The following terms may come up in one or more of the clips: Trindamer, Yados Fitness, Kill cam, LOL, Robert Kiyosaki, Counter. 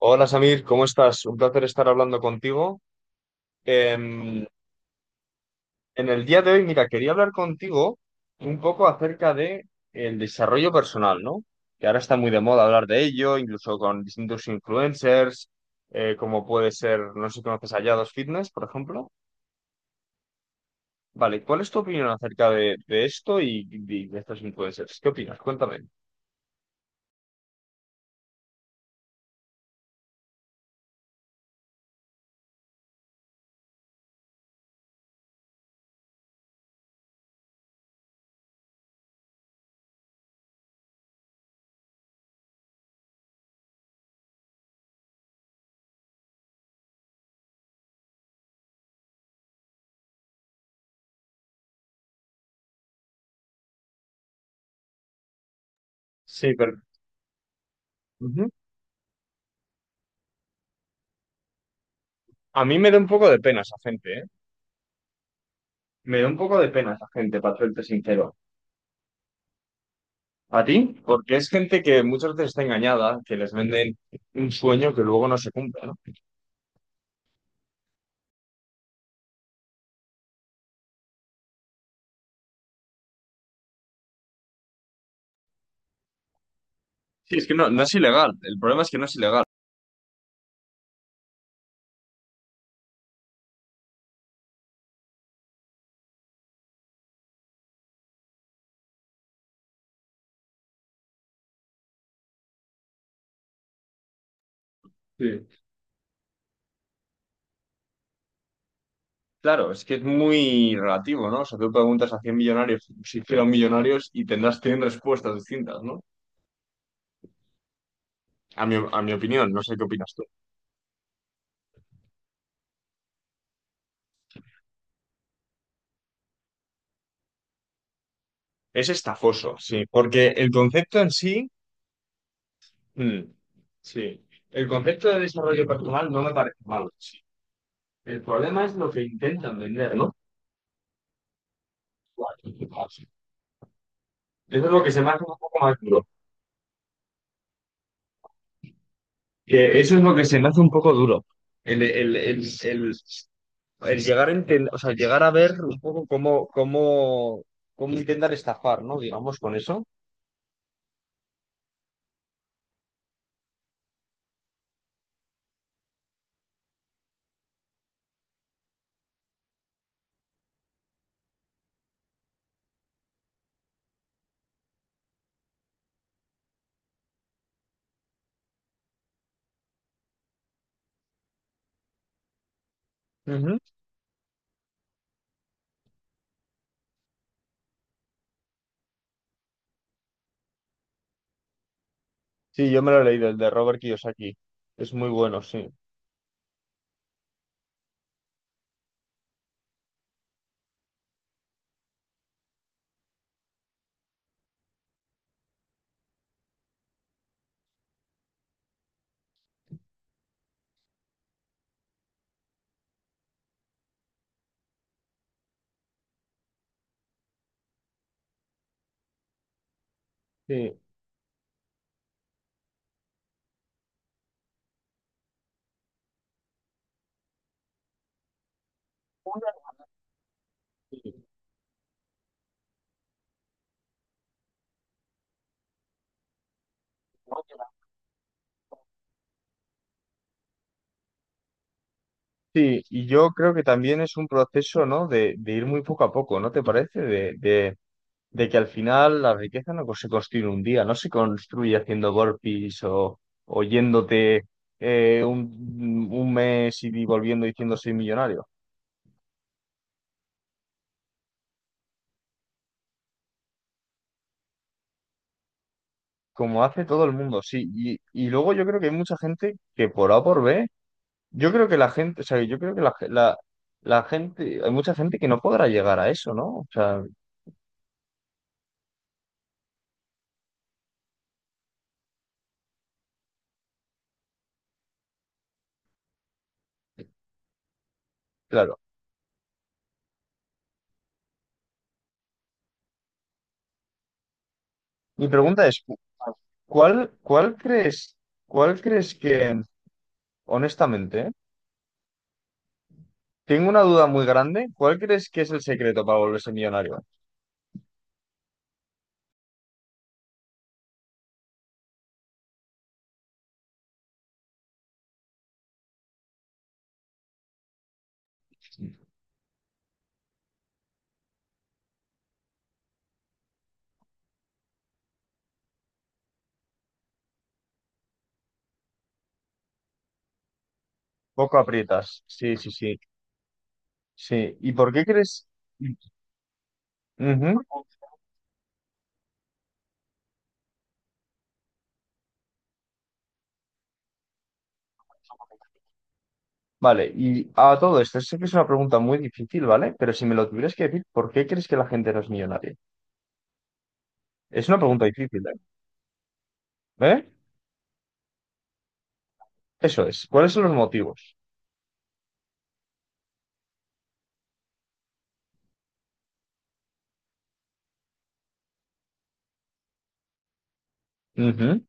Hola Samir, ¿cómo estás? Un placer estar hablando contigo. Em, en el día de hoy, mira, quería hablar contigo un poco acerca de el desarrollo personal, ¿no? Que ahora está muy de moda hablar de ello, incluso con distintos influencers, como puede ser, no sé si conoces a Yados Fitness, por ejemplo. Vale, ¿cuál es tu opinión acerca de esto y de estos influencers? ¿Qué opinas? Cuéntame. Sí, pero... Ujú. A mí me da un poco de pena esa gente, ¿eh? Me da un poco de pena esa gente, para serte sincero. ¿A ti? Porque es gente que muchas veces está engañada, que les venden un sueño que luego no se cumple, ¿no? Sí, es que no, no es ilegal. El problema es que no es ilegal. Sí. Claro, es que es muy relativo, ¿no? O sea, tú preguntas a 100 millonarios si fueran millonarios y tendrás 100 respuestas distintas, ¿no? A mi opinión, no sé qué opinas tú. Es estafoso, sí, porque el concepto en sí, mm, sí, el concepto de desarrollo personal no me parece malo, sí. El problema es lo que intentan vender, ¿no? Eso es lo que se me hace un poco más duro. Que eso es lo que se me hace un poco duro. El, el, el, el, el llegar a o sea, llegar a ver un poco cómo intentar estafar, ¿no? Digamos, con eso. Ujú. Sí, yo me lo he leído, el de Robert Kiyosaki. Es muy bueno, sí. Sí. Una- Sí, y yo creo que también es un proceso, ¿no? De ir muy poco a poco, ¿no te parece? De que al final la riqueza no se construye en un día, no se construye haciendo burpees o yéndote un mes y volviendo diciendo soy millonario, como hace todo el mundo, sí. Y luego yo creo que hay mucha gente que por A o por B, yo creo que la gente, o sea, yo creo que la gente, hay mucha gente que no podrá llegar a eso, ¿no? O sea, claro. Mi pregunta es: ¿cuál, cuál crees, cuál crees que, honestamente... Tengo una duda muy grande. ¿Cuál crees que es el secreto para volverse millonario? Poco aprietas. Sí, sí, sí. Sí. ¿Y por qué crees? Ujú. Vale, y a todo esto, sé que es una pregunta muy difícil, ¿vale? Pero si me lo tuvieras que decir, ¿por qué crees que la gente no es millonaria? Es una pregunta difícil, ¿eh? ¿Eh? Eso es. ¿Cuáles son los motivos? Ujú.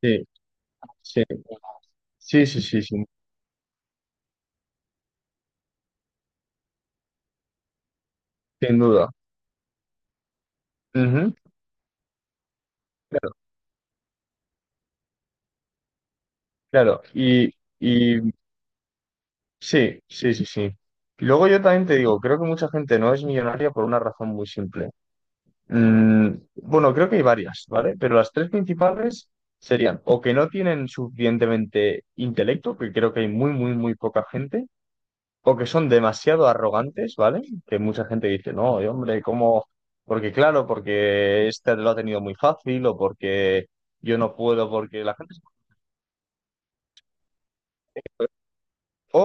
Sí, sí. Sí, sí, sí, sí, sin duda. Ujú. Claro, claro. Y sí, sí, sí, sí. Y luego yo también te digo, creo que mucha gente no es millonaria por una razón muy simple. Mm, bueno, creo que hay varias, ¿vale? Pero las tres principales serían o que no tienen suficientemente intelecto, que creo que hay muy, muy, muy poca gente, o que son demasiado arrogantes, ¿vale? Que mucha gente dice, no, y hombre, ¿cómo? Porque claro, porque este lo ha tenido muy fácil, o porque yo no puedo, porque la gente... O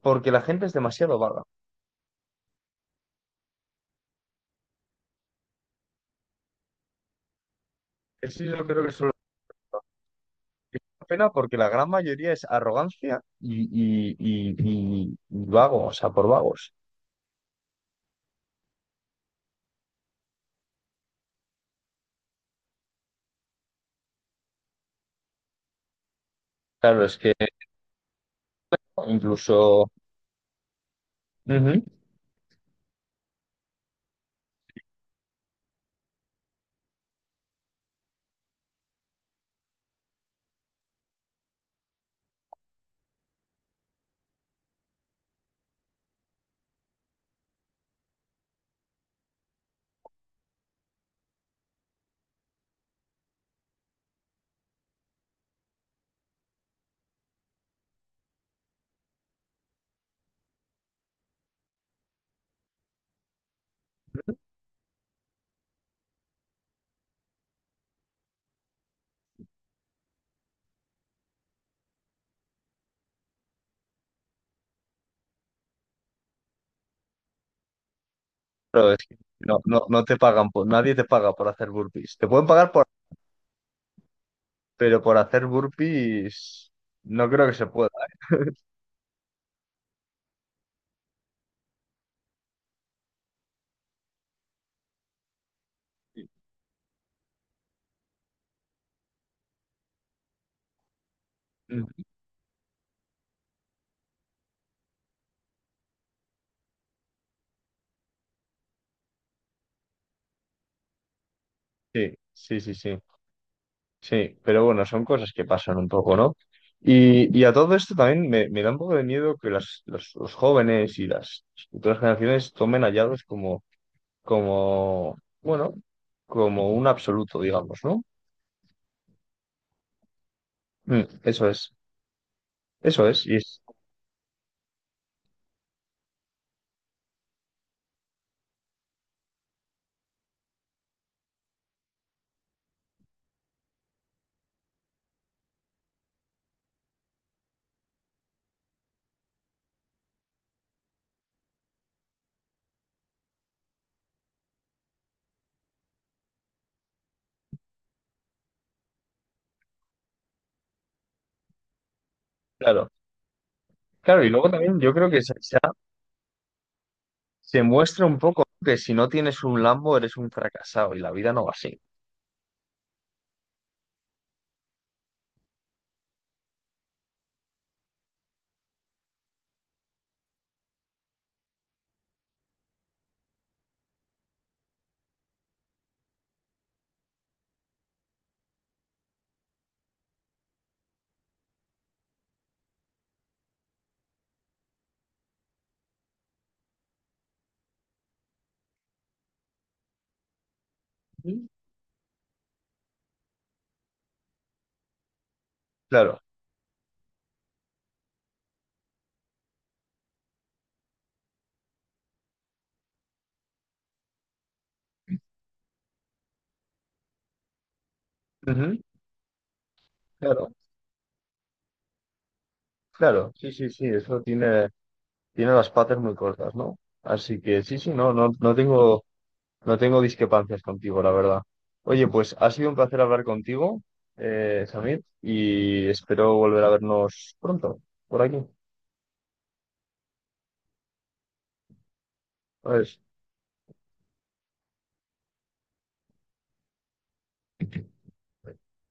porque la gente es demasiado vaga. Eso yo creo que son. Es una pena porque la gran mayoría es arrogancia y vago, o sea, por vagos. Claro, es que incluso... Ujú. Pero es que no, no, no te pagan, por, nadie te paga por hacer burpees. Te pueden pagar por... Pero por hacer burpees no creo que se pueda. Mm, sí, sí, sí, sí. Sí, pero bueno, son cosas que pasan un poco, ¿no? Y a todo esto también me da un poco de miedo que los jóvenes y las futuras generaciones tomen hallazgos como... como, bueno, como un absoluto, digamos, ¿no? Mm, eso es, y es, claro. Claro, y luego también yo creo que se muestra un poco que si no tienes un Lambo eres un fracasado y la vida no va así. Ujú. Claro, ujú, claro, claro, sí, sí, sí, eso tiene, tiene las patas muy cortas, ¿no? Así que sí, sí, no, no, no tengo... No tengo discrepancias contigo, la verdad. Oye, pues ha sido un placer hablar contigo, Samir, y espero volver a vernos pronto, por aquí. Pues,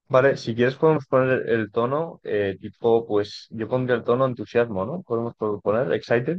vale, si quieres podemos poner el tono, tipo, pues yo pondría el tono entusiasmo, ¿no? Podemos poner excited.